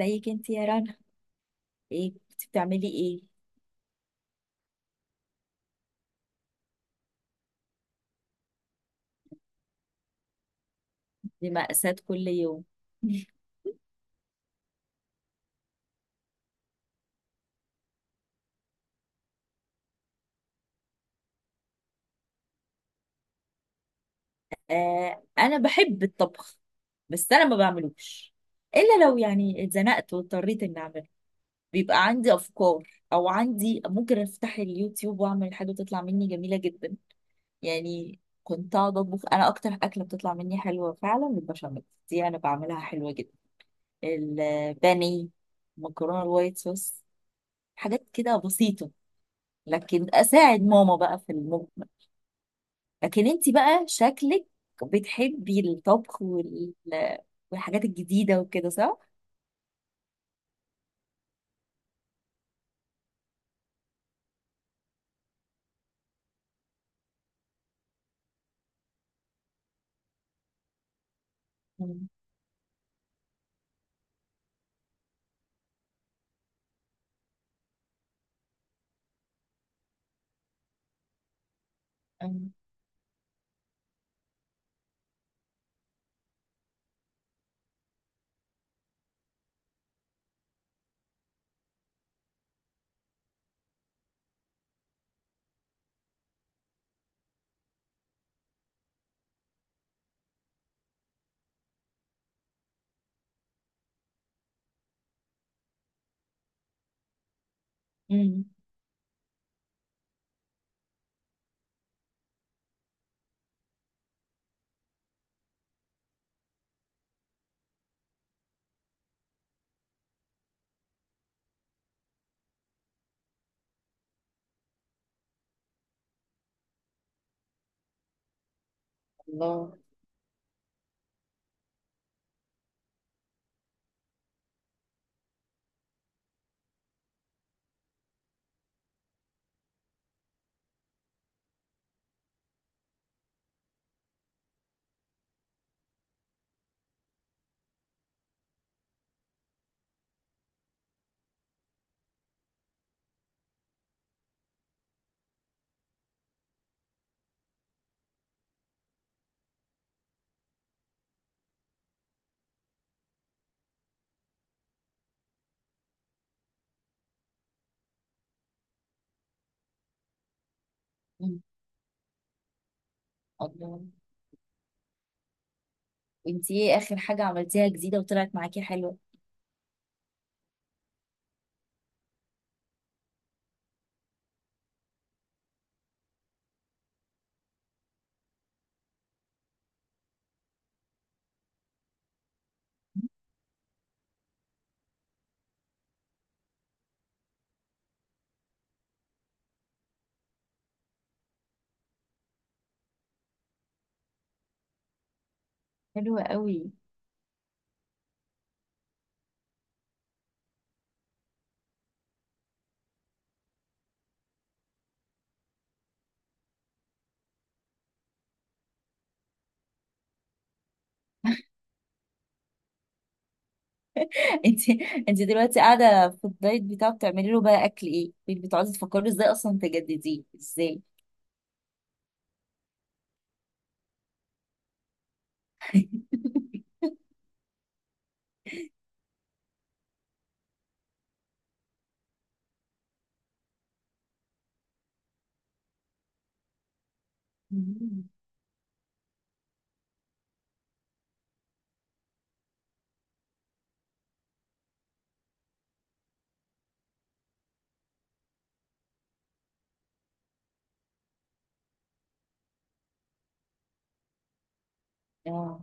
زيك انت يا رنا. ايه كنت بتعملي ايه؟ دي مأساة كل يوم. آه انا بحب الطبخ، بس انا ما بعملوش الا لو يعني اتزنقت واضطريت اني اعمله. بيبقى عندي افكار، او عندي ممكن افتح اليوتيوب واعمل حاجه تطلع مني جميله جدا. يعني كنت اقعد اطبخ، انا اكتر اكله بتطلع مني حلوه فعلا البشاميل، دي انا بعملها حلوه جدا. البانيه، مكرونه الوايت صوص، حاجات كده بسيطه. لكن اساعد ماما بقى في المجمل. لكن انت بقى شكلك بتحبي الطبخ والحاجات الجديده وكده، صح؟ مم. مم. مم. الله. مم. الله، وانت ايه اخر حاجه عملتيها جديده وطلعت معاكي حلوه؟ حلوه قوي. انت انت دلوقتي قاعده في الدايت بتاعه، بتعملي له بقى اكل ايه؟ بتقعدي تفكري ازاي اصلا تجدديه ازاي؟ مم. اه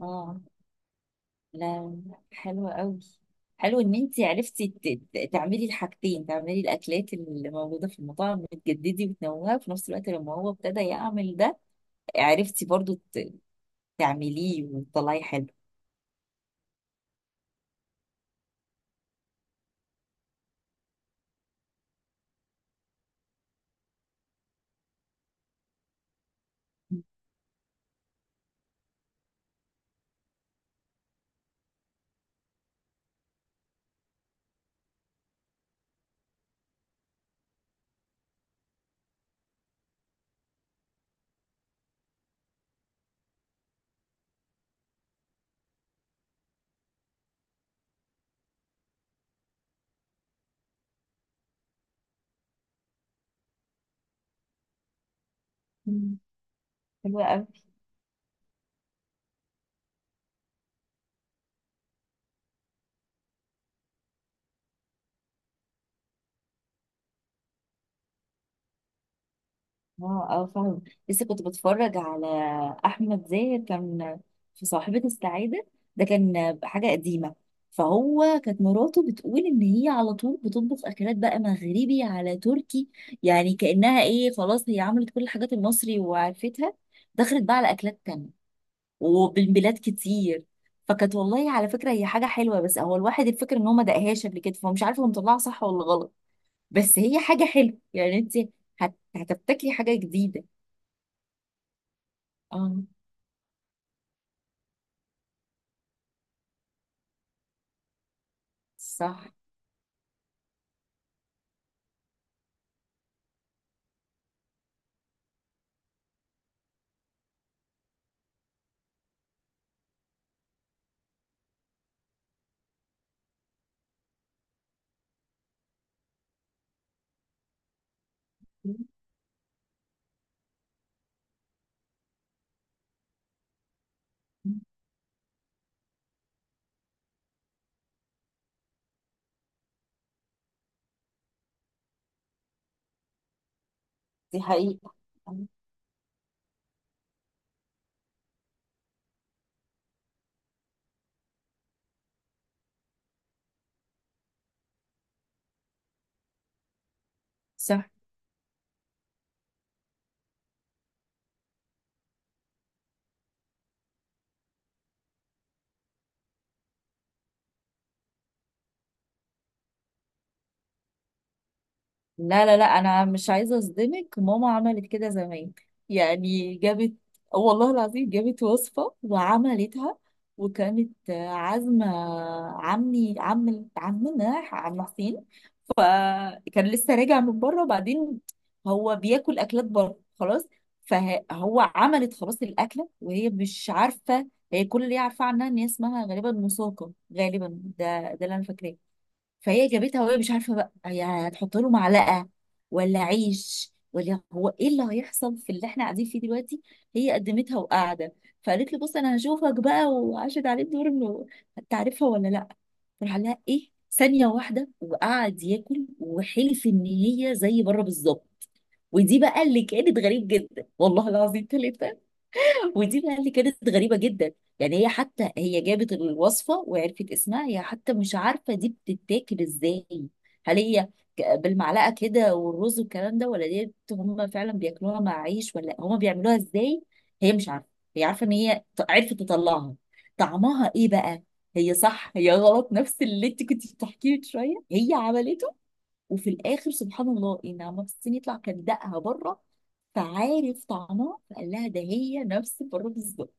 اه. لا، حلوة قوي. حلو ان انت عرفتي تعملي الحاجتين، تعملي الاكلات اللي موجوده في المطاعم، بتجددي وتنوعي، وفي نفس الوقت لما هو ابتدى يعمل ده عرفتي برضو تعمليه وتطلعي حلو. مم. حلوة قوي. اه اه فاهم. لسه كنت بتفرج على احمد زاهر، كان في صاحبة السعادة، ده كان حاجة قديمة. فهو كانت مراته بتقول ان هي على طول بتطبخ اكلات بقى مغربي، على تركي. يعني كأنها ايه، خلاص هي عملت كل الحاجات المصري وعرفتها، دخلت بقى على اكلات تانية وبين بلاد كتير. فكانت والله على فكرة هي حاجة حلوة، بس هو الواحد الفكرة ان هو ما دقهاش قبل كده، فمش عارف هو مطلعها صح ولا غلط. بس هي حاجة حلوة. يعني انت هتبتكري حاجة جديدة. اه، صح. دي حقيقة، صح. لا لا لا، انا مش عايزه اصدمك، ماما عملت كده زمان. يعني جابت، والله العظيم جابت وصفه وعملتها، وكانت عازمه عمي عمنا عم حسين، فكان لسه راجع من بره. وبعدين هو بياكل اكلات بره خلاص، فهو عملت خلاص الاكله وهي مش عارفه. هي كل اللي هي عارفاه عنها ان هي اسمها غالبا مساقه، غالبا، ده اللي انا فاكراه. فهي جابتها وهي مش عارفه بقى هي هتحط له معلقه ولا عيش، ولا هو ايه اللي هيحصل، في اللي احنا قاعدين فيه دلوقتي. هي قدمتها وقاعده، فقالت له بص انا هشوفك بقى، وعاشت عليه الدور انه هتعرفها ولا لا. راح لها ايه، ثانيه واحده وقعد ياكل وحلف ان هي زي بره بالظبط. ودي بقى اللي كانت غريب جدا، والله العظيم ثلاثه. ودي بقى اللي كانت غريبة جدا. يعني هي حتى هي جابت الوصفة وعرفت اسمها، هي حتى مش عارفة دي بتتاكل ازاي. هل هي بالمعلقة كده والرز والكلام ده، ولا دي هم فعلا بياكلوها مع عيش، ولا هم بيعملوها ازاي؟ هي مش عارفة. هي عارفة ان هي عرفت تطلعها. طعمها ايه بقى، هي صح هي غلط، نفس اللي انت كنت بتحكيه من شوية هي عملته. وفي الاخر سبحان الله ان عمها في الصين، يطلع كان دقها بره، فعارف طعمها، فقال لها ده هي نفس بره بالظبط.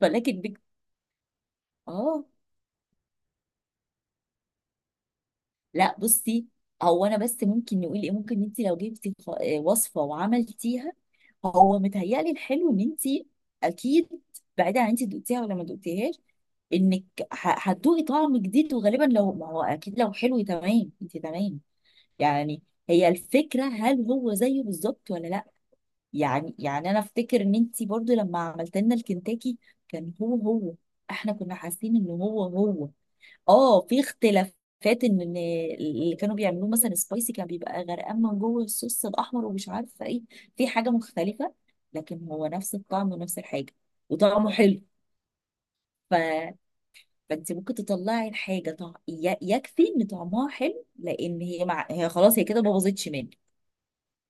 فلكن بك، اه. لا، بصي، هو انا بس ممكن نقول ايه، ممكن انت لو جبتي وصفه وعملتيها، هو متهيألي الحلو ان انت، اكيد، بعيدا عن انت دقتيها ولا ما دقتيهاش، انك هتدوقي طعم جديد، وغالبا لو ما هو اكيد لو حلو تمام انت تمام. يعني هي الفكره هل هو زيه بالظبط ولا لا. يعني انا افتكر ان انتي برضو لما عملت لنا الكنتاكي كان هو هو، احنا كنا حاسين ان هو هو. اه، في اختلافات، ان اللي كانوا بيعملوه مثلا سبايسي كان بيبقى غرقان من جوه الصوص الاحمر، ومش عارفه ايه، في حاجه مختلفه، لكن هو نفس الطعم ونفس الحاجه وطعمه حلو. ف، فانت ممكن تطلعي الحاجه يكفي ان طعمها حلو، لان هي مع... هي خلاص هي كده ما باظتش منك.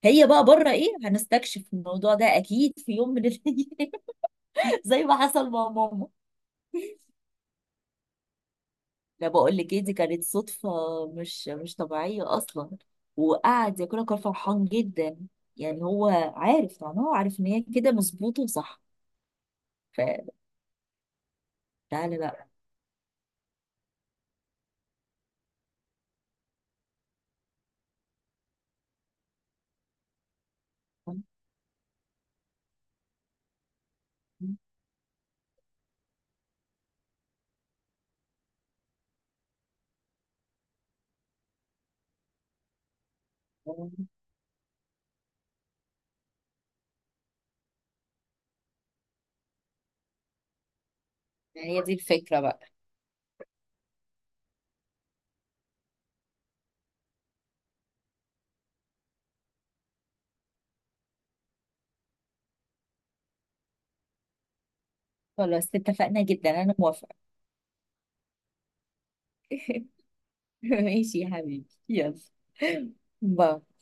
هي بقى بره ايه، هنستكشف الموضوع ده اكيد في يوم من الايام، زي ما حصل مع ماما. انا بقول لك ايه، دي كانت صدفه مش طبيعيه اصلا. وقعد ياكلها، كان فرحان جدا. يعني هو عارف طبعا، هو عارف ان هي كده مظبوطه وصح. فلا، لا. هي دي الفكره بقى. خلاص اتفقنا، جدا انا موافقه. ماشي يا حبيبي، يلا. باي.